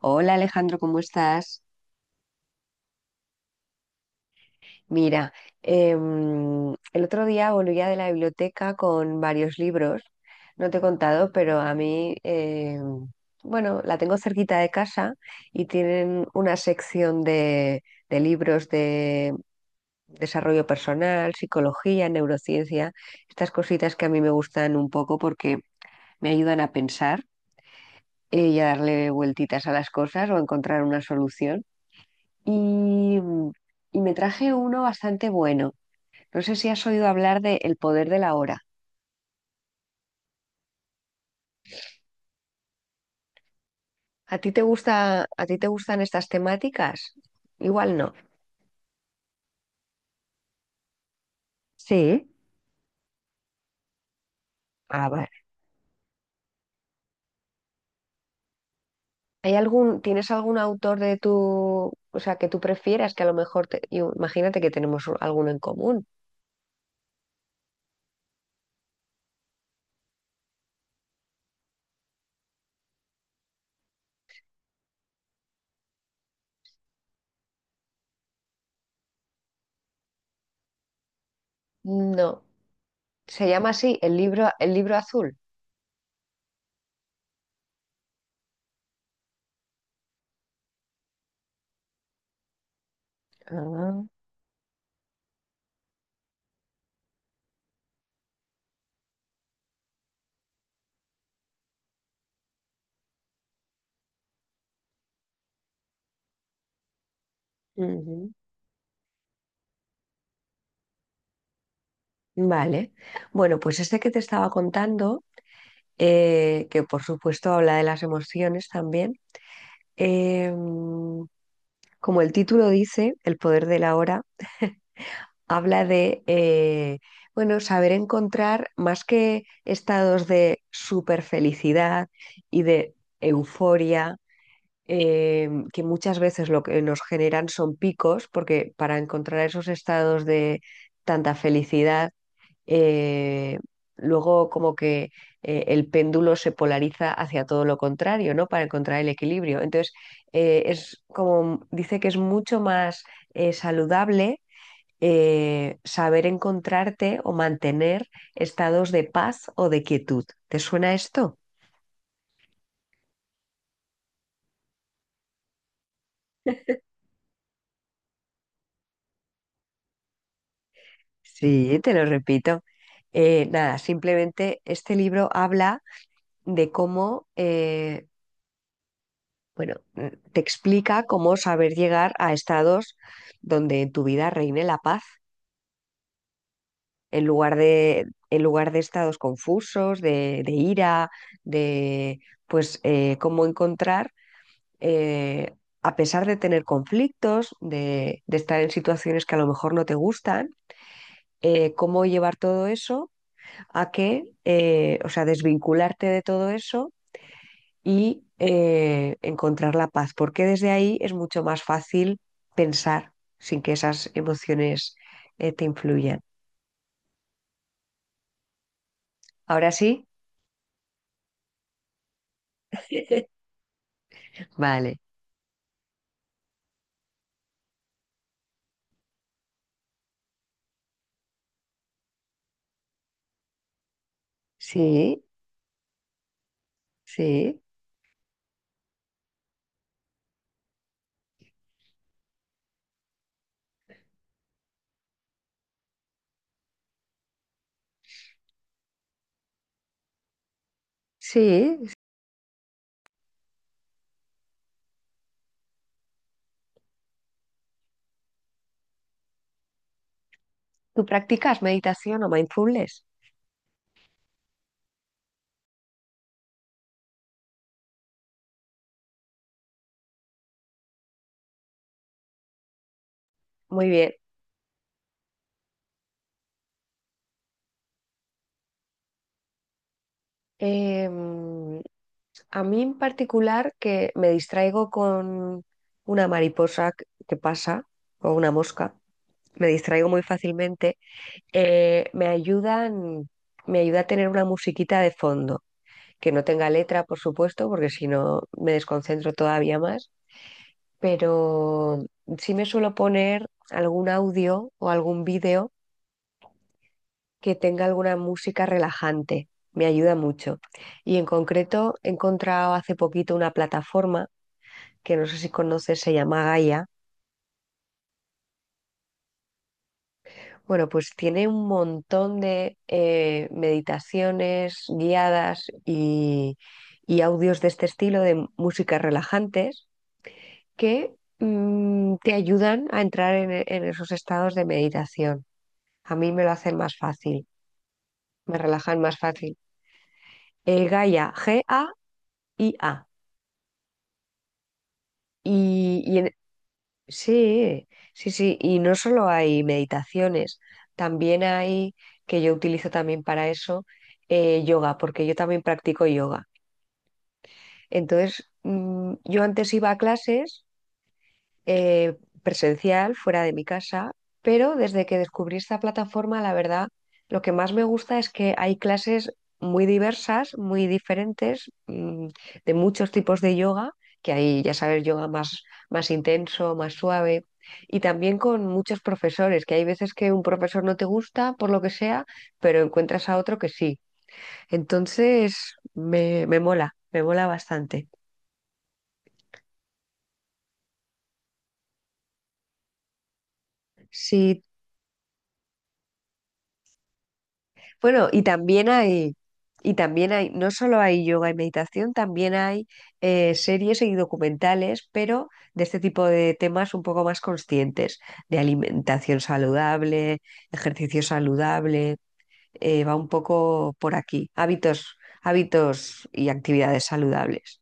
Hola, Alejandro, ¿cómo estás? Mira, el otro día volvía de la biblioteca con varios libros. No te he contado, pero a mí, bueno, la tengo cerquita de casa y tienen una sección de libros de desarrollo personal, psicología, neurociencia, estas cositas que a mí me gustan un poco porque me ayudan a pensar, y a darle vueltitas a las cosas o a encontrar una solución. Y, y me traje uno bastante bueno. No sé si has oído hablar de El poder de la hora. ¿A ti te gusta, a ti te gustan estas temáticas? Igual no. Sí. Ah, vale. ¿Hay algún, tienes algún autor de tu, o sea, que tú prefieras que a lo mejor imagínate que tenemos alguno en común? No. Se llama así, el libro azul. Ah. Ujú. Vale. Bueno, pues este que te estaba contando, que por supuesto habla de las emociones también. Em, como el título dice, El poder de la hora, habla de, bueno, saber encontrar más que estados de super felicidad y de euforia, que muchas veces lo que nos generan son picos, porque para encontrar esos estados de tanta felicidad, eh, luego como que el péndulo se polariza hacia todo lo contrario, ¿no? Para encontrar el equilibrio. Entonces, es como dice que es mucho más saludable, saber encontrarte o mantener estados de paz o de quietud. ¿Te suena esto? Sí, te lo repito. Nada, simplemente este libro habla de cómo, bueno, te explica cómo saber llegar a estados donde en tu vida reine la paz, en lugar de estados confusos, de ira, de, pues cómo encontrar, eh, a pesar de tener conflictos, de estar en situaciones que a lo mejor no te gustan, cómo llevar todo eso a que, o sea, desvincularte de todo eso y, encontrar la paz, porque desde ahí es mucho más fácil pensar sin que esas emociones, te influyan. ¿Ahora sí? Vale. Sí, sí, sí. ¿Tú practicas meditación o mindfulness? Muy bien. Em, a mí en particular que me distraigo con una mariposa que pasa o una mosca, me distraigo muy fácilmente. Me ayudan, me ayuda a tener una musiquita de fondo, que no tenga letra, por supuesto, porque si no me desconcentro todavía más, pero sí me suelo poner algún audio o algún vídeo que tenga alguna música relajante. Me ayuda mucho. Y en concreto he encontrado hace poquito una plataforma que no sé si conoces, se llama Gaia. Bueno, pues tiene un montón de, meditaciones guiadas y audios de este estilo de músicas relajantes que, te ayudan a entrar en, en esos estados de meditación. A mí me lo hacen más fácil, me relajan más fácil. El Gaia, Gaia. Y, sí, sí, sí. Y no solo hay meditaciones, también hay, que yo utilizo también para eso, yoga, porque yo también practico yoga. Entonces, yo antes iba a clases, eh, presencial, fuera de mi casa, pero desde que descubrí esta plataforma, la verdad, lo que más me gusta es que hay clases muy diversas, muy diferentes, de muchos tipos de yoga, que hay, ya sabes, yoga más, más intenso, más suave. Y también con muchos profesores, que hay veces que un profesor no te gusta por lo que sea, pero encuentras a otro que sí. Entonces, me, me mola bastante. Si bueno, y también hay, no solo hay yoga y meditación, también hay, series y documentales, pero de este tipo de temas un poco más conscientes, de alimentación saludable, ejercicio saludable, va un poco por aquí, hábitos, hábitos y actividades saludables.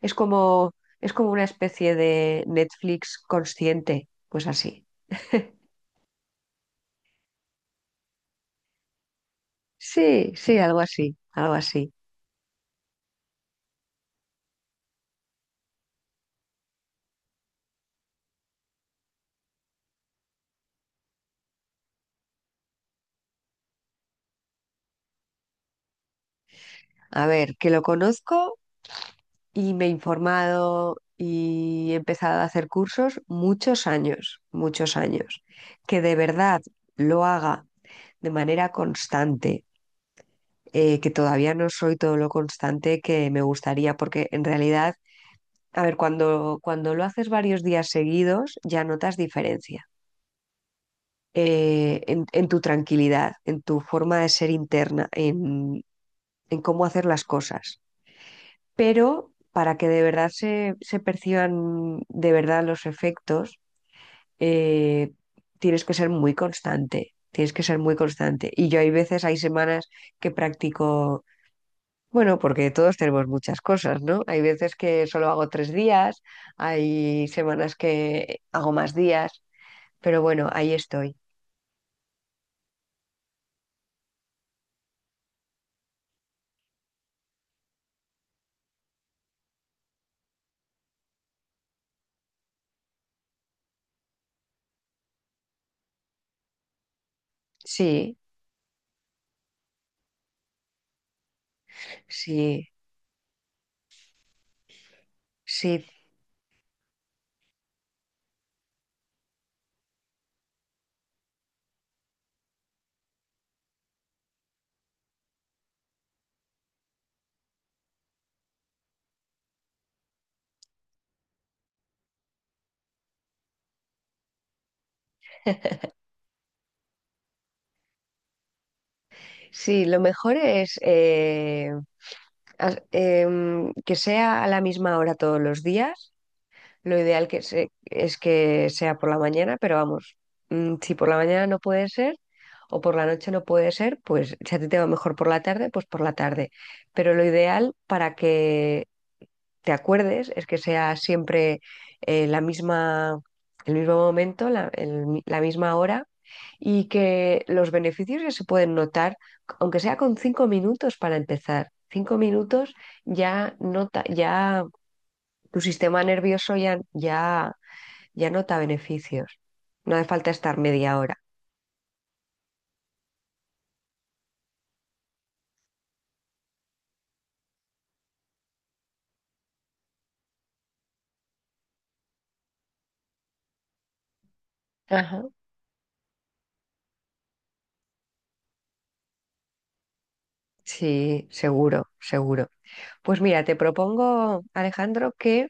Es como, es como una especie de Netflix consciente, pues así. Sí, sí, algo así, algo así. A ver, que lo conozco y me he informado y he empezado a hacer cursos muchos años, muchos años. Que de verdad lo haga de manera constante, que todavía no soy todo lo constante que me gustaría, porque en realidad, a ver, cuando, cuando lo haces varios días seguidos, ya notas diferencia. En tu tranquilidad, en tu forma de ser interna, en cómo hacer las cosas. Pero para que de verdad se, se perciban de verdad los efectos, eh, tienes que ser muy constante, tienes que ser muy constante. Y yo hay veces, hay semanas que practico, bueno, porque todos tenemos muchas cosas, ¿no? Hay veces que solo hago 3 días, hay semanas que hago más días, pero bueno, ahí estoy. Sí, sí, sí, sí, lo mejor es, que sea a la misma hora todos los días. Lo ideal que es que sea por la mañana, pero vamos, si por la mañana no puede ser o por la noche no puede ser, pues si a ti te va mejor por la tarde, pues por la tarde. Pero lo ideal para que te acuerdes es que sea siempre, la misma, el mismo momento, la, la misma hora y que los beneficios ya se pueden notar, aunque sea con 5 minutos para empezar. 5 minutos ya nota, ya tu sistema nervioso ya, ya, ya nota beneficios. No hace falta estar media hora. Ajá. Sí, seguro, seguro. Pues mira, te propongo, Alejandro, que,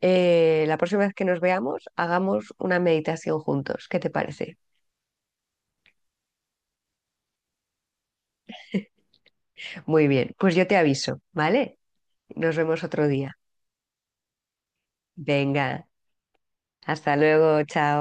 la próxima vez que nos veamos hagamos una meditación juntos. ¿Qué te parece? Muy bien, pues yo te aviso, ¿vale? Nos vemos otro día. Venga, hasta luego, chao.